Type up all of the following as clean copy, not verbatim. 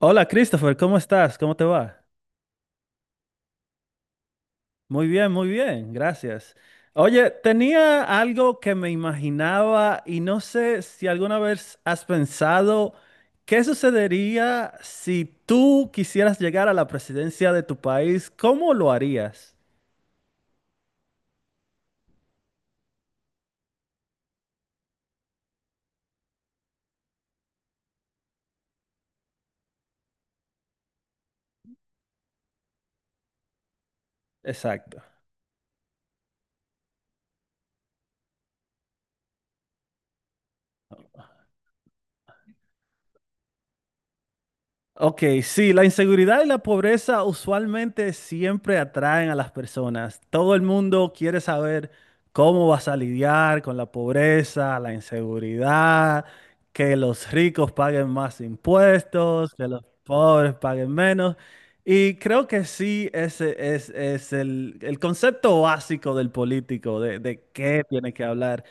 Hola Christopher, ¿cómo estás? ¿Cómo te va? Muy bien, gracias. Oye, tenía algo que me imaginaba y no sé si alguna vez has pensado qué sucedería si tú quisieras llegar a la presidencia de tu país, ¿cómo lo harías? Exacto. Ok, sí, la inseguridad y la pobreza usualmente siempre atraen a las personas. Todo el mundo quiere saber cómo vas a lidiar con la pobreza, la inseguridad, que los ricos paguen más impuestos, que los pobres paguen menos. Y creo que sí, ese es el concepto básico del político, de qué tiene que hablar.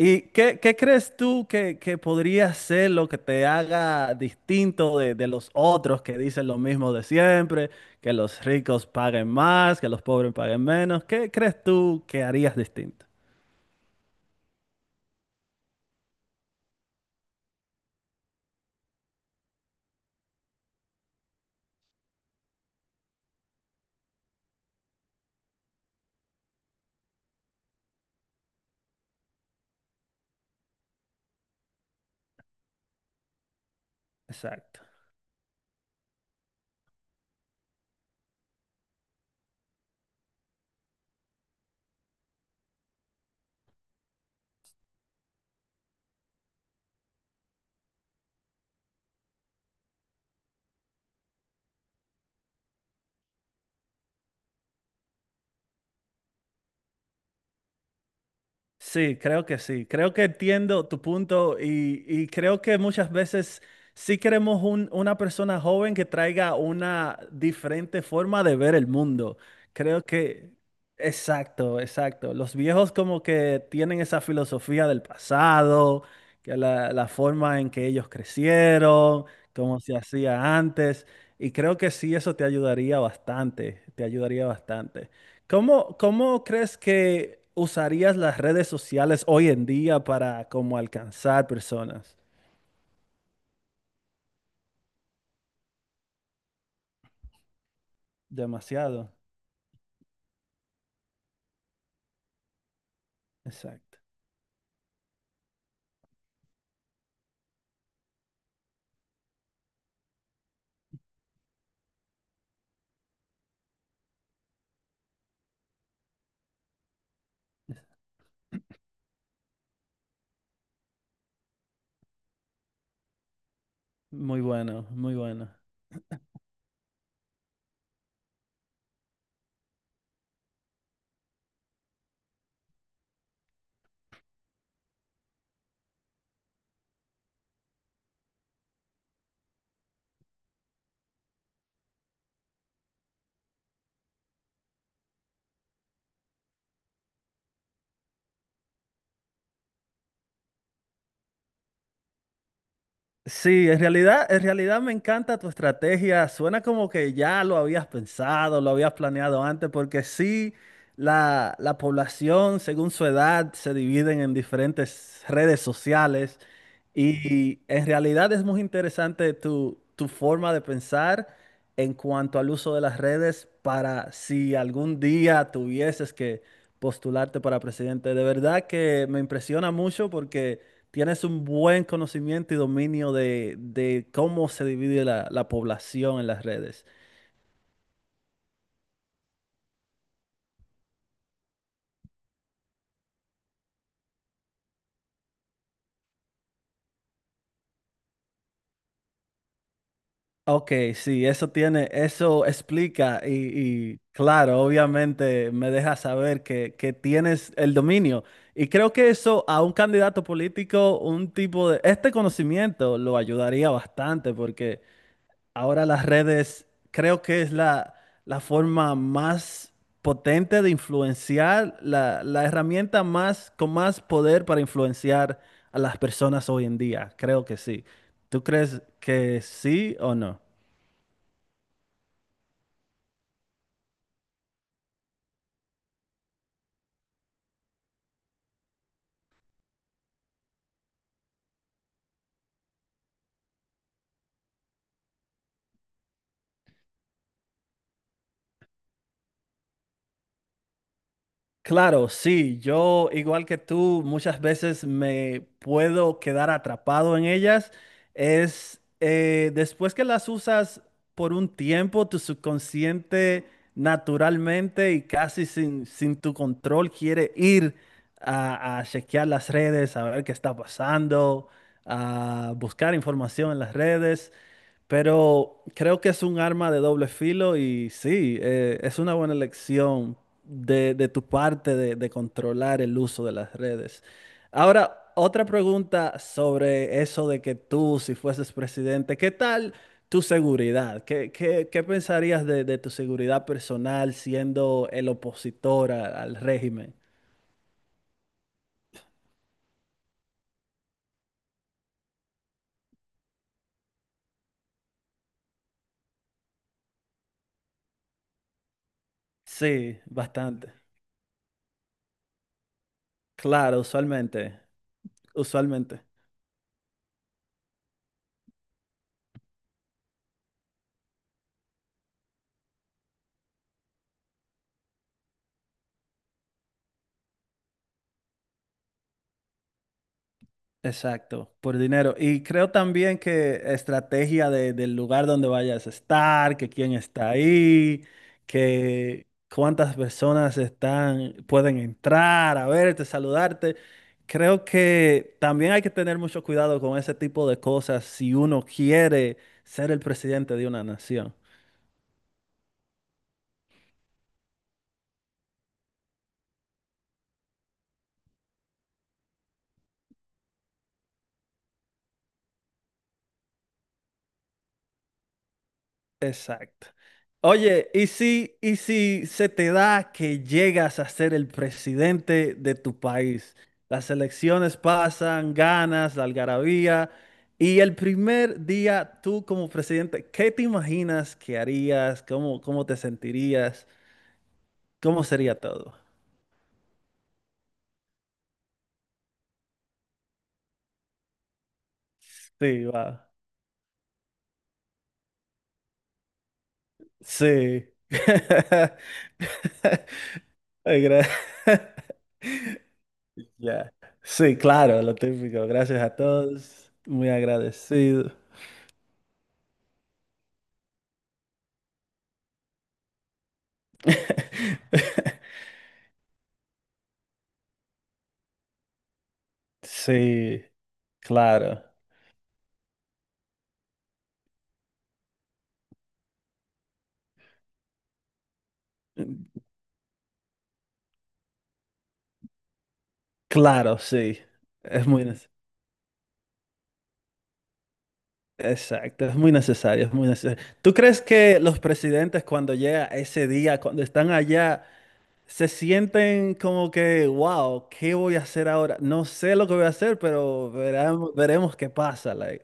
¿Y qué, qué crees tú que podría ser lo que te haga distinto de los otros que dicen lo mismo de siempre, que los ricos paguen más, que los pobres paguen menos? ¿Qué crees tú que harías distinto? Exacto. Sí. Creo que entiendo tu punto y creo que muchas veces sí queremos una persona joven que traiga una diferente forma de ver el mundo. Creo que, exacto, exacto. Los viejos como que tienen esa filosofía del pasado, que la forma en que ellos crecieron, cómo se hacía antes. Y creo que sí, eso te ayudaría bastante, te ayudaría bastante. ¿Cómo, cómo crees que usarías las redes sociales hoy en día para como alcanzar personas? Demasiado. Exacto. Muy bueno, muy bueno. Sí, en realidad me encanta tu estrategia. Suena como que ya lo habías pensado, lo habías planeado antes, porque sí, la población, según su edad, se dividen en diferentes redes sociales y en realidad es muy interesante tu, tu forma de pensar en cuanto al uso de las redes para si algún día tuvieses que postularte para presidente. De verdad que me impresiona mucho porque... Tienes un buen conocimiento y dominio de cómo se divide la población en las redes. Ok, sí, eso tiene, eso explica claro, obviamente me deja saber que tienes el dominio. Y creo que eso a un candidato político, un tipo de, este conocimiento lo ayudaría bastante porque ahora las redes creo que es la forma más potente de influenciar, la herramienta más con más poder para influenciar a las personas hoy en día. Creo que sí. ¿Tú crees que sí o no? Claro, sí, yo igual que tú muchas veces me puedo quedar atrapado en ellas. Es después que las usas por un tiempo, tu subconsciente naturalmente y casi sin tu control quiere ir a chequear las redes, a ver qué está pasando, a buscar información en las redes. Pero creo que es un arma de doble filo y sí, es una buena elección de tu parte de controlar el uso de las redes. Ahora, otra pregunta sobre eso de que tú, si fueses presidente, ¿qué tal tu seguridad? ¿Qué, qué pensarías de tu seguridad personal siendo el opositor al régimen? Sí, bastante. Claro, usualmente, usualmente. Exacto, por dinero. Y creo también que estrategia del lugar donde vayas a estar, que quién está ahí, que cuántas personas están, pueden entrar a verte, saludarte. Creo que también hay que tener mucho cuidado con ese tipo de cosas si uno quiere ser el presidente de una nación. Exacto. Oye, y si se te da que llegas a ser el presidente de tu país? Las elecciones pasan, ganas, la algarabía, y el primer día tú como presidente, ¿qué te imaginas que harías? ¿Cómo, cómo te sentirías? ¿Cómo sería todo? Sí, va. Sí. Ay, gra- Ya. Sí, claro, lo típico. Gracias a todos. Muy agradecido. Sí, claro, claro, sí. Es muy, nece- exacto, es muy necesario, es muy necesario. ¿Tú crees que los presidentes cuando llega ese día, cuando están allá, se sienten como que, wow, ¿qué voy a hacer ahora? No sé lo que voy a hacer, pero veremos, veremos qué pasa. Like.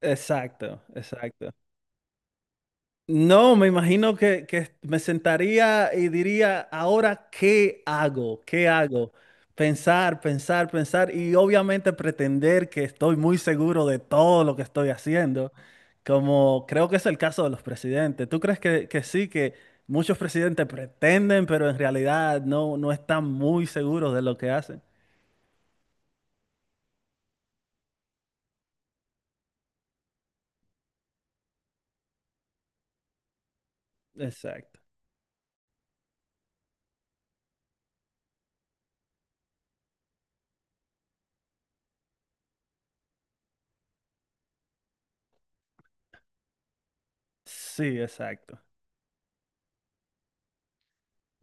Exacto, exacto. No, me imagino que me sentaría y diría, ahora, ¿qué hago? ¿Qué hago? Pensar, pensar, pensar y obviamente pretender que estoy muy seguro de todo lo que estoy haciendo, como creo que es el caso de los presidentes. ¿Tú crees que sí, que muchos presidentes pretenden, pero en realidad no, no están muy seguros de lo que hacen? Exacto. Sí, exacto.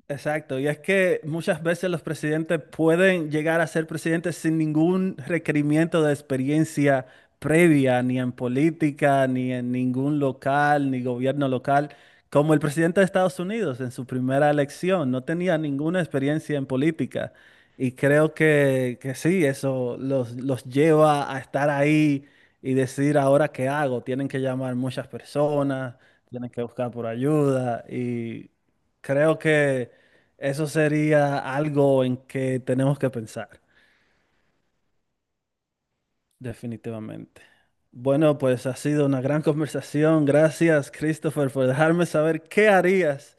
Exacto, y es que muchas veces los presidentes pueden llegar a ser presidentes sin ningún requerimiento de experiencia previa, ni en política, ni en ningún local, ni gobierno local, como el presidente de Estados Unidos en su primera elección, no tenía ninguna experiencia en política. Y creo que sí, eso los lleva a estar ahí y decir ahora qué hago. Tienen que llamar muchas personas, tienen que buscar por ayuda y creo que... Eso sería algo en que tenemos que pensar, definitivamente. Bueno, pues ha sido una gran conversación. Gracias, Christopher, por dejarme saber qué harías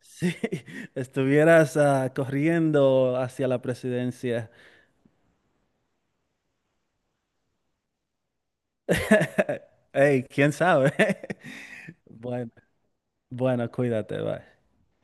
si estuvieras corriendo hacia la presidencia. Hey, quién sabe. Bueno, bueno, cuídate, bye.